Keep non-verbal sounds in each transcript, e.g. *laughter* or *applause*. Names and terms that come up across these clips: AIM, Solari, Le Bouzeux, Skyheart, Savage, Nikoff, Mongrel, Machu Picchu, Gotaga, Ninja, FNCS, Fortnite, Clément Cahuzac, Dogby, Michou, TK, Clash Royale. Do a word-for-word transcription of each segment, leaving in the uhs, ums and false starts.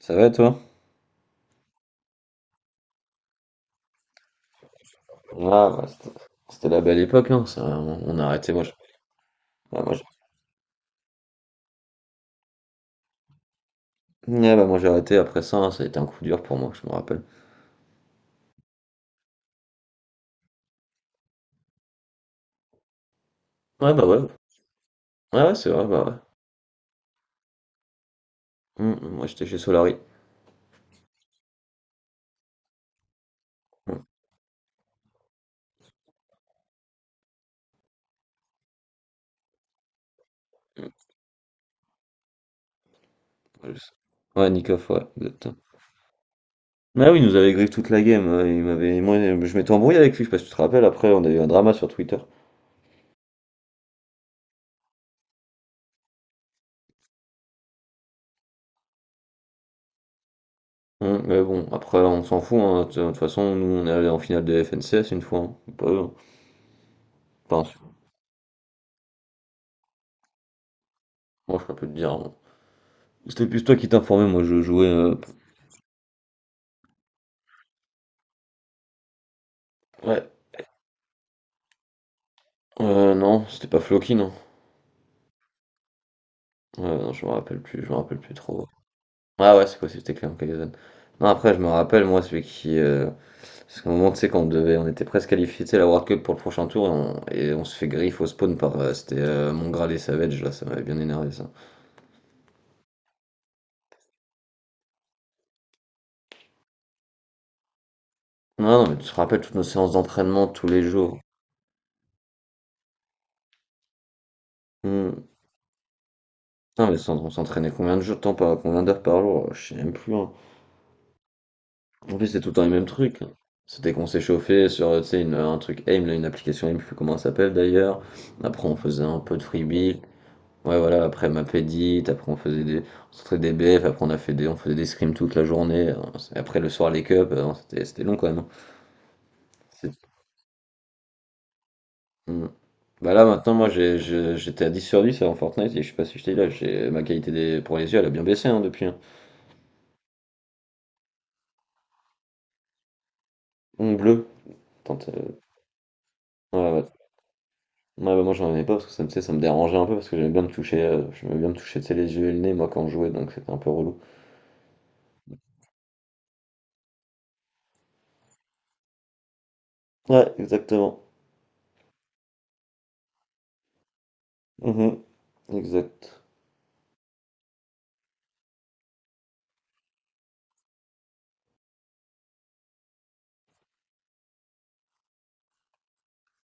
Ça va toi? Ah, bah, c'était c'était la belle époque, hein. Ça, on on a arrêté, moi. je- ah, moi, je- Ouais, bah, moi, j'ai arrêté après ça, hein, ça a été un coup dur pour moi, je me rappelle. Ouais, bah ouais, ouais, ouais, c'est vrai, bah ouais. Hum, hum, moi j'étais chez Solari. Hum, hum, je sais. Ouais, Nikoff, ouais, exactement. Ah oui, il nous avait grillé toute la game, euh, il m'avait, moi, je m'étais embrouillé avec lui, je sais pas si tu te rappelles, après on a eu un drama sur Twitter. Hum, mais bon, après on s'en fout, hein, de toute façon, nous on est allé en finale de F N C S une fois, hein. Pas eux, hein. Pas Moi je peux plus te dire, hein. C'était plus toi qui t'informais, moi je jouais. euh, Ouais. Heu, non, c'était pas Floki, non. Heu, non, je me rappelle plus, je me rappelle plus trop. Ah ouais, c'est possible, c'était Clément Cahuzac. Non, après, je me rappelle, moi, celui qui, heu, parce qu'à un moment, tu sais, quand on devait on était presque qualifiés, tu sais, la World Cup pour le prochain tour et on et on se fait griffe au spawn par, heu, c'était, heu, Mongrel et Savage, là, ça m'avait bien énervé, ça. Non, non, mais tu te rappelles toutes nos séances d'entraînement tous les jours. Mmh. Non, mais on s'entraînait combien de jours de temps par combien d'heures par jour? Je sais même plus, hein. En plus, c'est tout le temps les mêmes trucs. C'était qu'on s'échauffait sur, euh, tu sais, une- un truc A I M, là, une application A I M, je sais plus comment elle s'appelle d'ailleurs. Après, on faisait un peu de freebie. Ouais, voilà, après ma pédite, après on faisait des, on sortait des B F, après on a fait des, on faisait des scrims toute la journée. euh, c'est- Après le soir, les cups, euh, c'était, c'était long quand même, hein. C'est- Hmm. Bah là, maintenant, moi, j'ai, je- j'étais à dix sur 10 en Fortnite et je sais pas si je t'ai dit là, j'ai, ma qualité des, pour les yeux, elle a bien baissé, hein, depuis, hein. Ongle bleu. Tente, euh, ouais, ouais, Ouais, bah, moi j'en avais pas parce que ça me, tu sais, ça me dérangeait un peu parce que j'aimais bien me toucher, euh, j'aimais bien me toucher, tu sais, les yeux et le nez, moi quand je jouais, donc c'était un peu relou. Ouais, exactement. Mhm. Exact.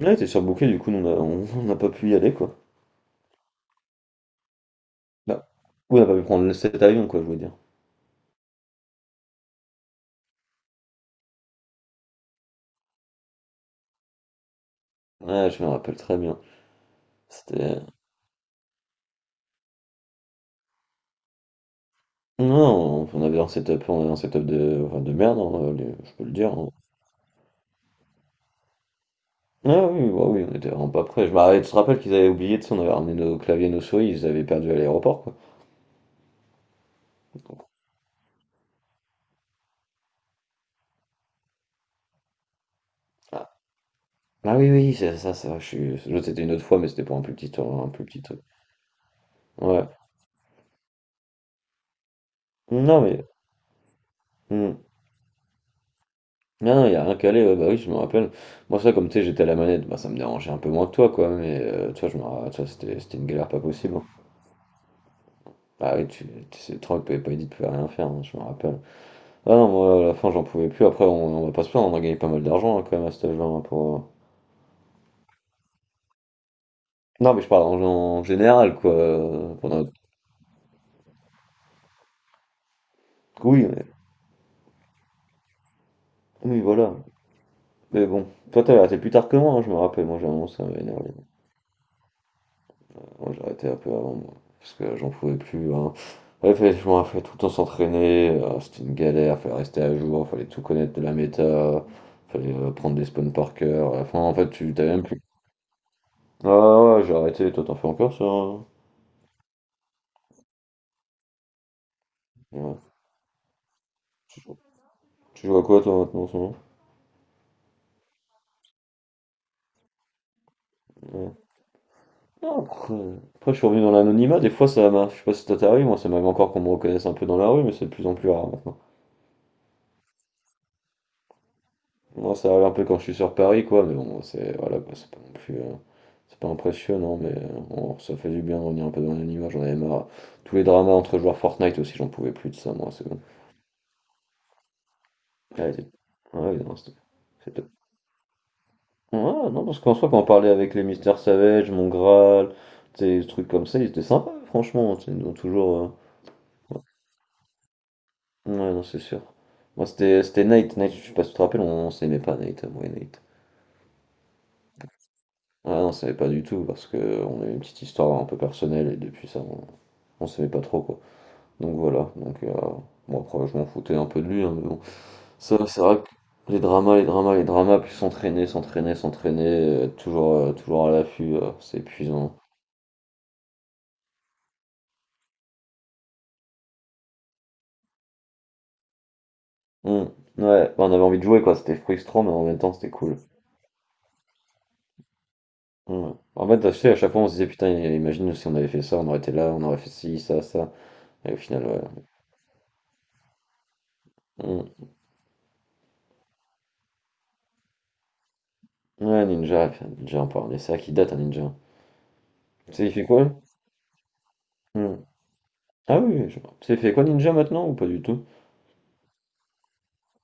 Ouais, t'es surbooké, du coup, nous, on a- on- *laughs* on n'a pas pu y aller, quoi. Bah, on n'a pas pu prendre le- cet avion, quoi, je veux dire. Ouais, je me rappelle très bien. C'était. Non, on avait un setup, on avait un setup de, enfin, de merde, hein, les- je peux le dire, hein. Ah oui, bah oui, on était vraiment pas prêts. Je me rappelle, tu te rappelles qu'ils avaient oublié, tu sais, on avait ramené nos claviers, nos souris, ils les avaient perdus à l'aéroport, quoi. Ah oui, oui, c'est ça, ça, je suis l'autre, c'était une autre fois, mais c'était pour un plus petit tour, un plus petit truc. Ouais. Non, mais. hmm. Non, non, y a rien qu'à aller, ouais, bah oui, je me rappelle. Moi, ça, comme tu sais, j'étais à la manette, bah ça me dérangeait un peu moins que toi, quoi, mais euh, toi, je me ra- toi, c'était c'était une galère pas possible, hein. Ah oui, tu, tu sais, trop que pas dit de pouvais rien faire, hein, je me rappelle. Ah non, moi, à la fin, j'en pouvais plus. Après, on, on va pas se plaindre, on a gagné pas mal d'argent, hein, quand même, à cet âge-là, hein, pour. euh, Non, mais je parle en, en général, quoi. euh, Pour notre... Oui, mais- oui, voilà. Mais bon, toi, t'avais arrêté plus tard que moi, hein, je me rappelle. Moi, j'ai un moment, ça m'avait énervé. Moi, j'ai arrêté un peu avant, moi, parce que j'en pouvais plus, hein. Ouais, fallait, je m'en fais tout le temps s'entraîner, euh, c'était une galère, fallait rester à jour, fallait tout connaître de la méta, fallait euh, prendre des spawns par cœur. À la fin, en fait, tu t'as même plus. Ah ouais, ouais, j'ai arrêté, toi t'en fais encore ça, hein? Ouais. Tu, joues Tu joues à quoi toi maintenant en ce moment? Ouais. Non, après, après, je suis revenu dans l'anonymat, des fois ça m'a. Je sais pas si ça t'arrive, moi ça m'avait encore qu'on me reconnaisse un peu dans la rue, mais c'est de plus en plus rare maintenant. Non, ça arrive un peu quand je suis sur Paris, quoi, mais bon, c'est voilà, quoi, c'est pas non plus. Euh, c'est pas impressionnant, mais euh, on- ça fait du bien de revenir un peu dans l'anonymat, j'en avais marre. Tous les dramas entre joueurs Fortnite aussi, j'en pouvais plus de ça, moi, c'est bon. Ouais, c'est- ouais, non, c'était- c'était- Ouais, non, parce qu'en soi, quand on parlait avec les Mister Savage, mon Graal, des trucs comme ça, ils étaient sympas, franchement, tu sais, ils ont toujours. euh, Ouais, non, c'est sûr. Moi, c'était c'était Nate, Nate, je sais pas si tu te rappelles, on, on s'aimait pas, Nate, moi et Nate. Ah non, on savait pas du tout parce que on a eu une petite histoire un peu personnelle et depuis ça on, on s'aimait pas trop quoi. Donc voilà, donc euh, bon après je m'en foutais un peu de lui, hein, mais bon. Ça c'est vrai que les dramas, les dramas, les dramas, puis s'entraîner, s'entraîner, s'entraîner, euh, toujours, euh, toujours à l'affût, euh, c'est épuisant. Hmm, Ouais, bah, on avait envie de jouer quoi, c'était frustrant mais en même temps c'était cool. Hmm. En fait, tu sais, à chaque fois on se disait putain, imagine si on avait fait ça, on aurait été là, on aurait fait ci, ça, ça. Et au final, ouais. Hmm. Ouais, Ninja, Ninja, on parlait ça, qui date un Ninja. Tu sais, il fait quoi? Hmm. Ah oui, oui, je- c'est fait quoi Ninja maintenant ou pas du tout?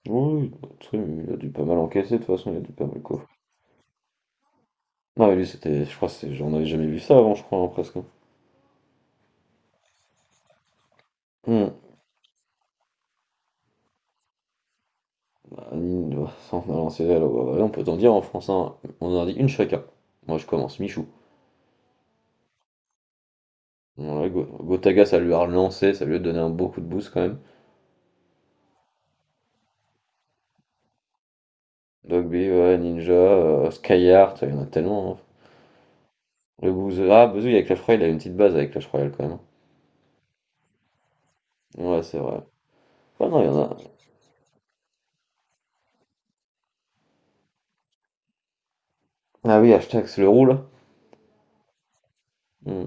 Oui, oui, tu sais, il a dû pas mal encaisser de toute façon, il a dû pas mal coffrer. Non mais lui c'était, je crois que c'est, j'en avais jamais vu ça avant je crois hein, presque. Hmm. Bah, Ninja, *laughs* sans allant on peut t'en dire en français, hein. On en a dit une chacun. Moi je commence, Michou. Ouais, Go- Gotaga ça lui a relancé, ça lui a donné un beau coup de boost quand même. Dogby, ouais, Ninja, euh, Skyheart, il y en a tellement, hein. Le Bouzeux, ah Bouzeux avec Clash Royale, il a une petite base avec Clash Royale quand même. Ouais c'est vrai. Ah non, il y en a. Ah oui, hashtag c'est le roux là. Hmm.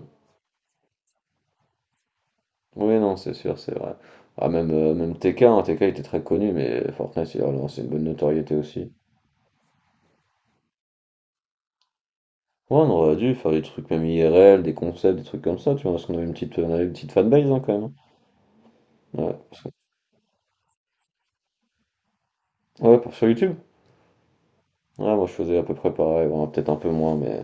Oui, non, c'est sûr, c'est vrai. Ah, même, euh, même T K, hein, T K était très connu, mais Fortnite, il a relancé une bonne notoriété aussi. Ouais, on aurait dû faire des trucs même I R L, des concepts, des trucs comme ça, tu vois, parce qu'on avait une petite, on avait une petite fanbase hein, quand même, hein. Ouais, parce que- ouais, pour- Sur YouTube. Ouais, moi je faisais à peu près pareil, bon, peut-être un peu moins, mais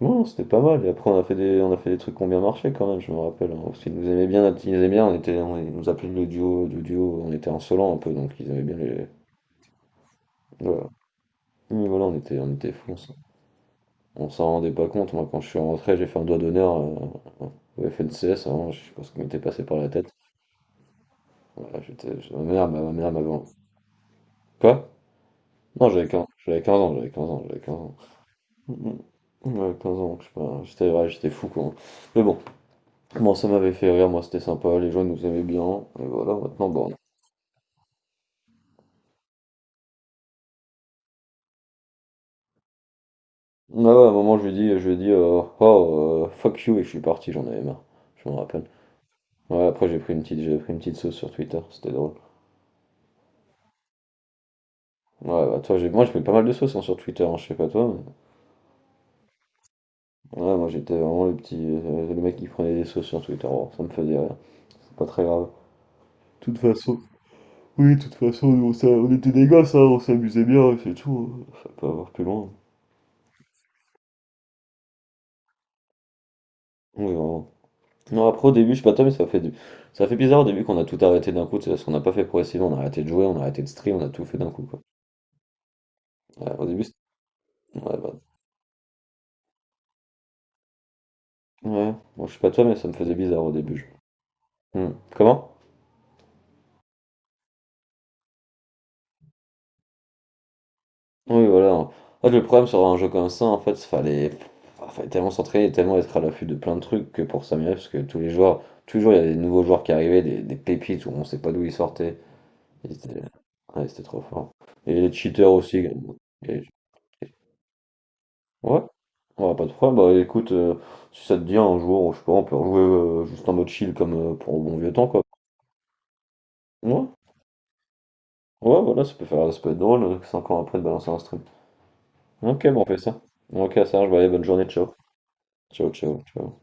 bon, c'était pas mal. Et après, on a fait des, on a fait des trucs qui ont bien marché quand même, je me rappelle, hein. Parce qu'ils nous aimaient bien, ils nous aimaient bien, on était, on- ils nous appelaient le duo, du duo, on était insolents un peu, donc ils aimaient bien les. Voilà, mais voilà on était, on était fous. On s'en rendait pas compte, moi quand je suis rentré, j'ai fait un doigt d'honneur euh, au F N C S, vraiment, je sais pas ce qui m'était passé par la tête. Voilà, j'étais, j'étais- ma mère, ma, ma mère m'avait... Quoi? Non, j'avais quinze, j'avais quinze ans, j'avais quinze ans, j'avais quinze ans. Mhm. Ouais, quinze ans, je sais pas, j'étais ouais, j'étais fou quoi. Mais bon, bon, ça m'avait fait rire, moi c'était sympa, les gens ils nous aimaient bien, et voilà, maintenant bon. Ah ouais, à un moment je lui ai dit, je lui ai dit, euh, oh, euh, fuck you, et je suis parti, j'en avais marre, je me rappelle. Ouais, après j'ai pris une petite, j'ai pris une petite sauce sur Twitter, c'était drôle. Ouais, bah toi, j'ai... moi je mets pas mal de sauces hein, sur Twitter, hein, je sais pas toi. Mais... Ouais, moi j'étais vraiment le petit. Euh, le mec qui prenait des sauces sur Twitter, bon, ça me faisait rire, c'est pas très grave. De toute façon, oui, de toute façon, nous, on, s'a- on était des gosses, hein, on s'amusait bien, et c'est tout, hein. Ça peut avoir plus loin. Oui, vraiment. Non, après au début, je sais pas toi, mais ça fait du... ça fait bizarre au début qu'on a tout arrêté d'un coup, tu sais, parce qu'on n'a pas fait progressivement, on a arrêté de jouer, on a arrêté de stream, on a tout fait d'un coup, quoi. Ouais, au début, c'était- ouais, bah... Ouais, bon, je sais pas toi, mais ça me faisait bizarre au début. je- Hmm. Comment? Oui, voilà. En fait, le problème sur un jeu comme ça, en fait, fallait, ah, fallait tellement s'entraîner, et tellement être à l'affût de plein de trucs que pour s'améliorer, parce que tous les joueurs, toujours il y a des nouveaux joueurs qui arrivaient, des, des pépites où on sait pas d'où ils sortaient. Ils étaient- ouais, c'était trop fort. Et les cheaters aussi, également. Et- Ouais, ouais, pas de problème. Bah écoute, euh, si ça te dit un jour, je sais pas, on peut rejouer euh, juste en mode chill comme euh, pour au bon vieux temps, quoi. Ouais, ouais, voilà, ça peut faire, ça peut être drôle, euh, cinq ans après de balancer un stream. Ok, bon, on fait ça. Ok, ça marche, bah, allez, bonne journée, ciao. Ciao, ciao, ciao.